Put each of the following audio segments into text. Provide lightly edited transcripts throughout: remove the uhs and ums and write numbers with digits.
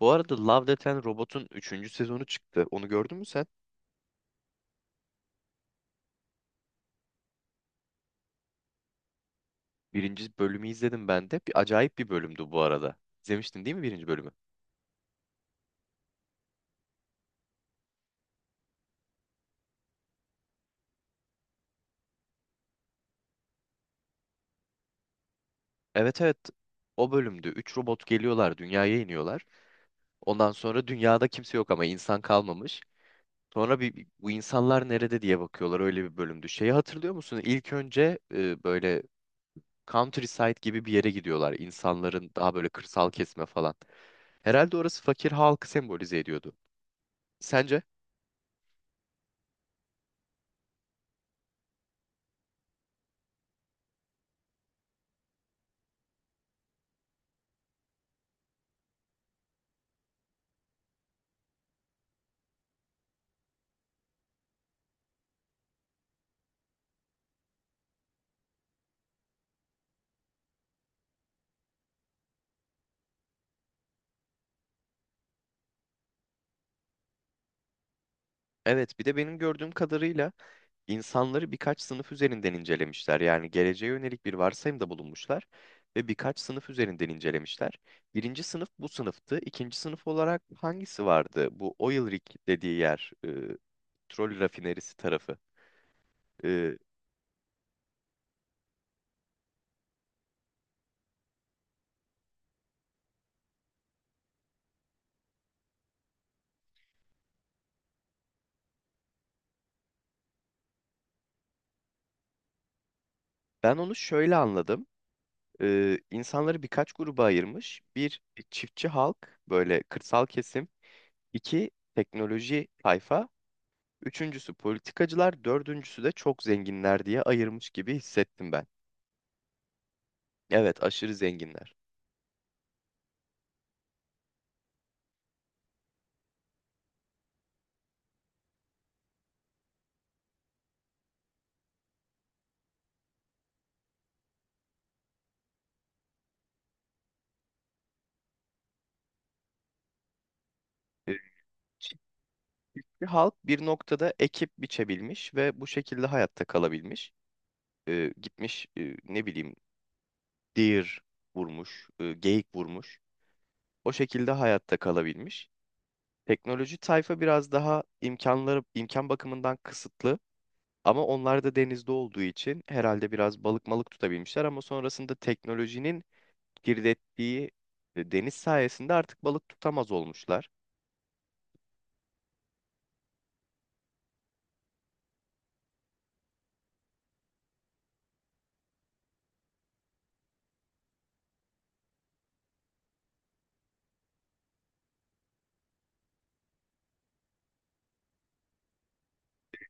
Bu arada Love, Death and Robot'un üçüncü sezonu çıktı. Onu gördün mü sen? Birinci bölümü izledim ben de. Acayip bir bölümdü bu arada. İzlemiştin değil mi birinci bölümü? Evet, evet. O bölümde üç robot geliyorlar, dünyaya iniyorlar. Ondan sonra dünyada kimse yok, ama insan kalmamış. Sonra bir bu insanlar nerede diye bakıyorlar, öyle bir bölümdü. Şeyi hatırlıyor musun? İlk önce böyle countryside gibi bir yere gidiyorlar. İnsanların daha böyle kırsal kesme falan. Herhalde orası fakir halkı sembolize ediyordu. Sence? Evet, bir de benim gördüğüm kadarıyla İnsanları birkaç sınıf üzerinden incelemişler. Yani geleceğe yönelik bir varsayımda bulunmuşlar ve birkaç sınıf üzerinden incelemişler. Birinci sınıf bu sınıftı. İkinci sınıf olarak hangisi vardı? Bu oil rig dediği yer, petrol rafinerisi tarafı. E, ben onu şöyle anladım. İnsanları birkaç gruba ayırmış. Bir, çiftçi halk, böyle kırsal kesim. İki, teknoloji tayfa. Üçüncüsü politikacılar, dördüncüsü de çok zenginler diye ayırmış gibi hissettim ben. Evet, aşırı zenginler. E, Çinli halk bir noktada ekip biçebilmiş ve bu şekilde hayatta kalabilmiş. Gitmiş, ne bileyim, deer vurmuş, geyik vurmuş. O şekilde hayatta kalabilmiş. Teknoloji tayfa biraz daha imkan bakımından kısıtlı, ama onlar da denizde olduğu için herhalde biraz balık malık tutabilmişler, ama sonrasında teknolojinin kirlettiği deniz sayesinde artık balık tutamaz olmuşlar.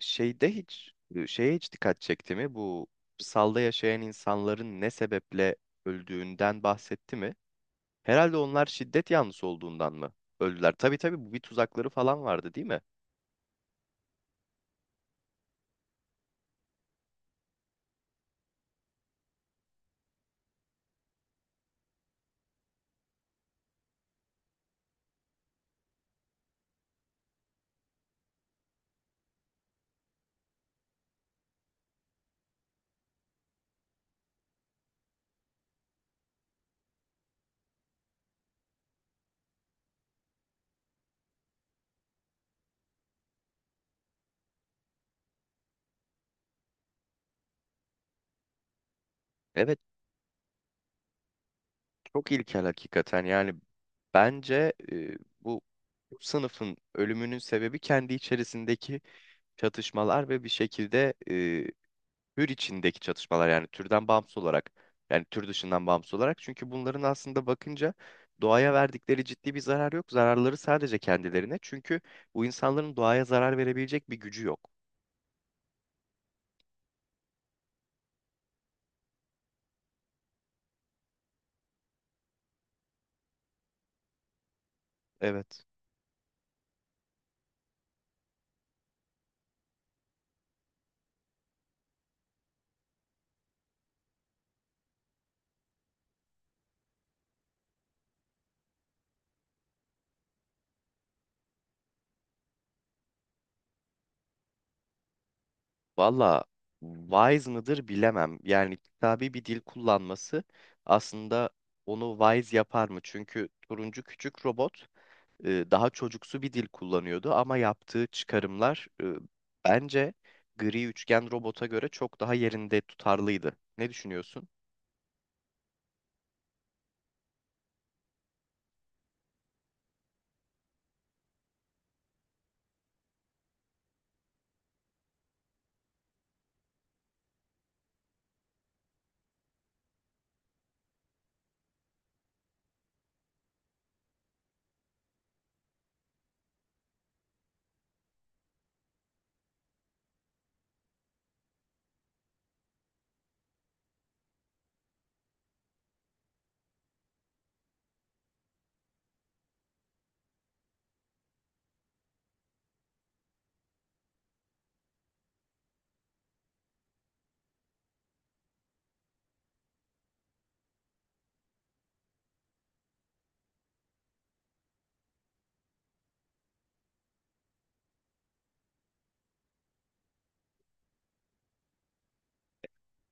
Şeyde hiç şeye hiç dikkat çekti mi? Bu salda yaşayan insanların ne sebeple öldüğünden bahsetti mi? Herhalde onlar şiddet yanlısı olduğundan mı öldüler? Tabii, tabii, bu bir tuzakları falan vardı değil mi? Evet, çok ilkel hakikaten. Yani bence bu sınıfın ölümünün sebebi kendi içerisindeki çatışmalar ve bir şekilde tür içindeki çatışmalar, yani türden bağımsız olarak, yani tür dışından bağımsız olarak, çünkü bunların aslında bakınca doğaya verdikleri ciddi bir zarar yok. Zararları sadece kendilerine. Çünkü bu insanların doğaya zarar verebilecek bir gücü yok. Evet. Valla wise mıdır bilemem. Yani kitabi bir dil kullanması aslında onu wise yapar mı? Çünkü turuncu küçük robot daha çocuksu bir dil kullanıyordu, ama yaptığı çıkarımlar bence gri üçgen robota göre çok daha yerinde, tutarlıydı. Ne düşünüyorsun?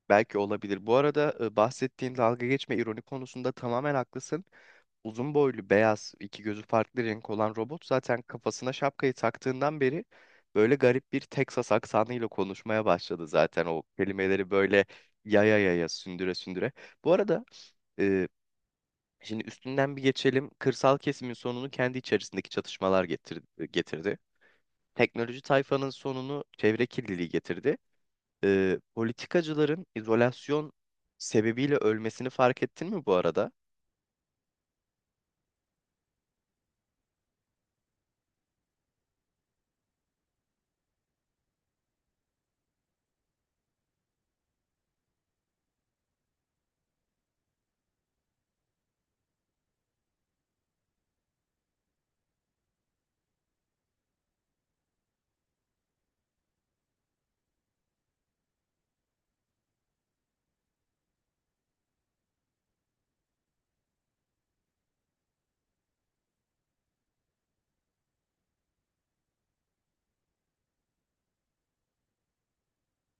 Belki olabilir. Bu arada bahsettiğin dalga geçme, ironi konusunda tamamen haklısın. Uzun boylu, beyaz, iki gözü farklı renk olan robot zaten kafasına şapkayı taktığından beri böyle garip bir Texas aksanıyla konuşmaya başladı, zaten o kelimeleri böyle yaya yaya, sündüre sündüre. Bu arada e, Şimdi üstünden bir geçelim. Kırsal kesimin sonunu kendi içerisindeki çatışmalar getirdi. Teknoloji tayfanın sonunu çevre kirliliği getirdi. Politikacıların izolasyon sebebiyle ölmesini fark ettin mi bu arada?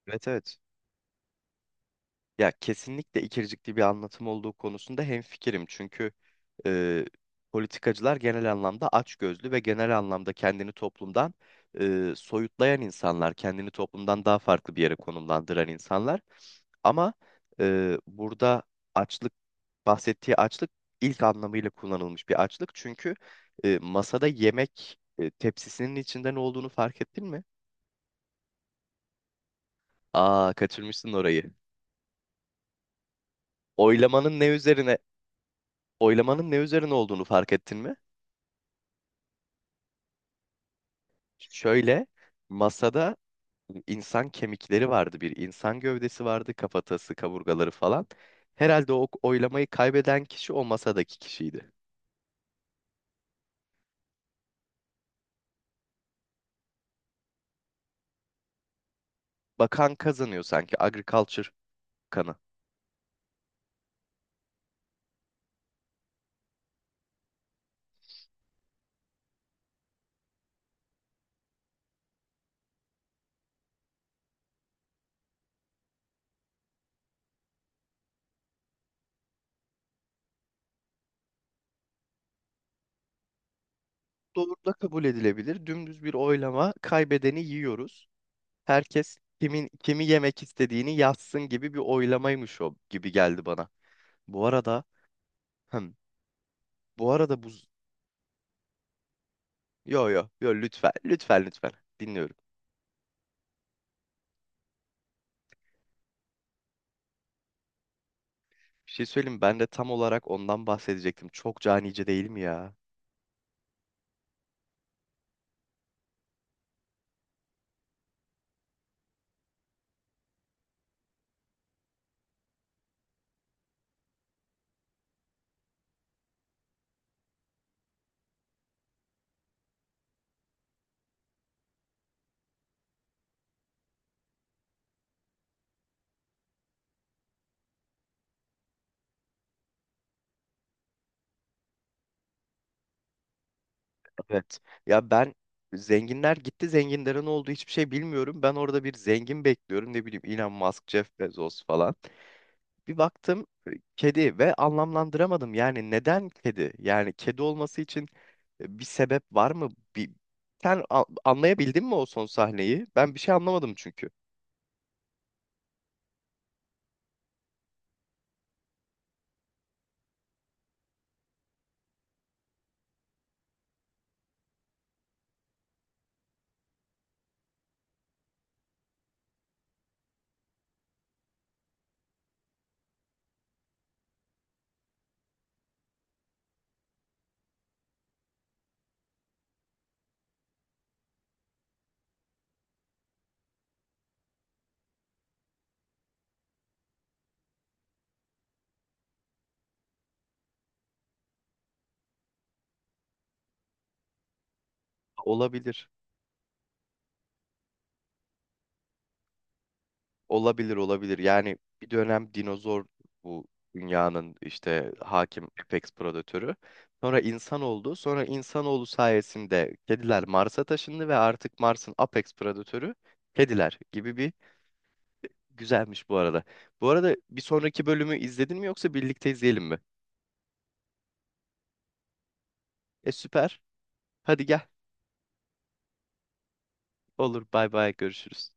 Evet, evet. Ya kesinlikle ikircikli bir anlatım olduğu konusunda hemfikirim. Çünkü e, politikacılar genel anlamda açgözlü ve genel anlamda kendini toplumdan soyutlayan insanlar, kendini toplumdan daha farklı bir yere konumlandıran insanlar. Ama burada açlık, bahsettiği açlık ilk anlamıyla kullanılmış bir açlık. Çünkü masada yemek tepsisinin içinde ne olduğunu fark ettin mi? Aa, kaçırmışsın orayı. Oylamanın ne üzerine oylamanın ne üzerine olduğunu fark ettin mi? Şöyle, masada insan kemikleri vardı, bir insan gövdesi vardı, kafatası, kaburgaları falan. Herhalde o oylamayı kaybeden kişi o masadaki kişiydi. Bakan kazanıyor sanki, agriculture kanı. Doğru da kabul edilebilir. Dümdüz bir oylama, kaybedeni yiyoruz. Herkes kimin kimi yemek istediğini yazsın gibi bir oylamaymış o, gibi geldi bana. Bu arada hem bu arada bu yo yo yo lütfen, lütfen, lütfen, dinliyorum. Bir şey söyleyeyim mi? Ben de tam olarak ondan bahsedecektim. Çok canice değil mi ya? Evet. Ya ben, zenginler gitti, zenginlerin olduğu hiçbir şey bilmiyorum. Ben orada bir zengin bekliyorum, ne bileyim Elon Musk, Jeff Bezos falan. Bir baktım kedi ve anlamlandıramadım. Yani neden kedi? Yani kedi olması için bir sebep var mı? Bir... Sen anlayabildin mi o son sahneyi? Ben bir şey anlamadım çünkü. Olabilir. Olabilir, olabilir. Yani bir dönem dinozor bu dünyanın işte hakim apex predatörü. Sonra insan oldu. Sonra insanoğlu sayesinde kediler Mars'a taşındı ve artık Mars'ın apex predatörü kediler gibi bir... Güzelmiş bu arada. Bu arada bir sonraki bölümü izledin mi, yoksa birlikte izleyelim mi? E, süper. Hadi gel. Olur. Bay bay. Görüşürüz.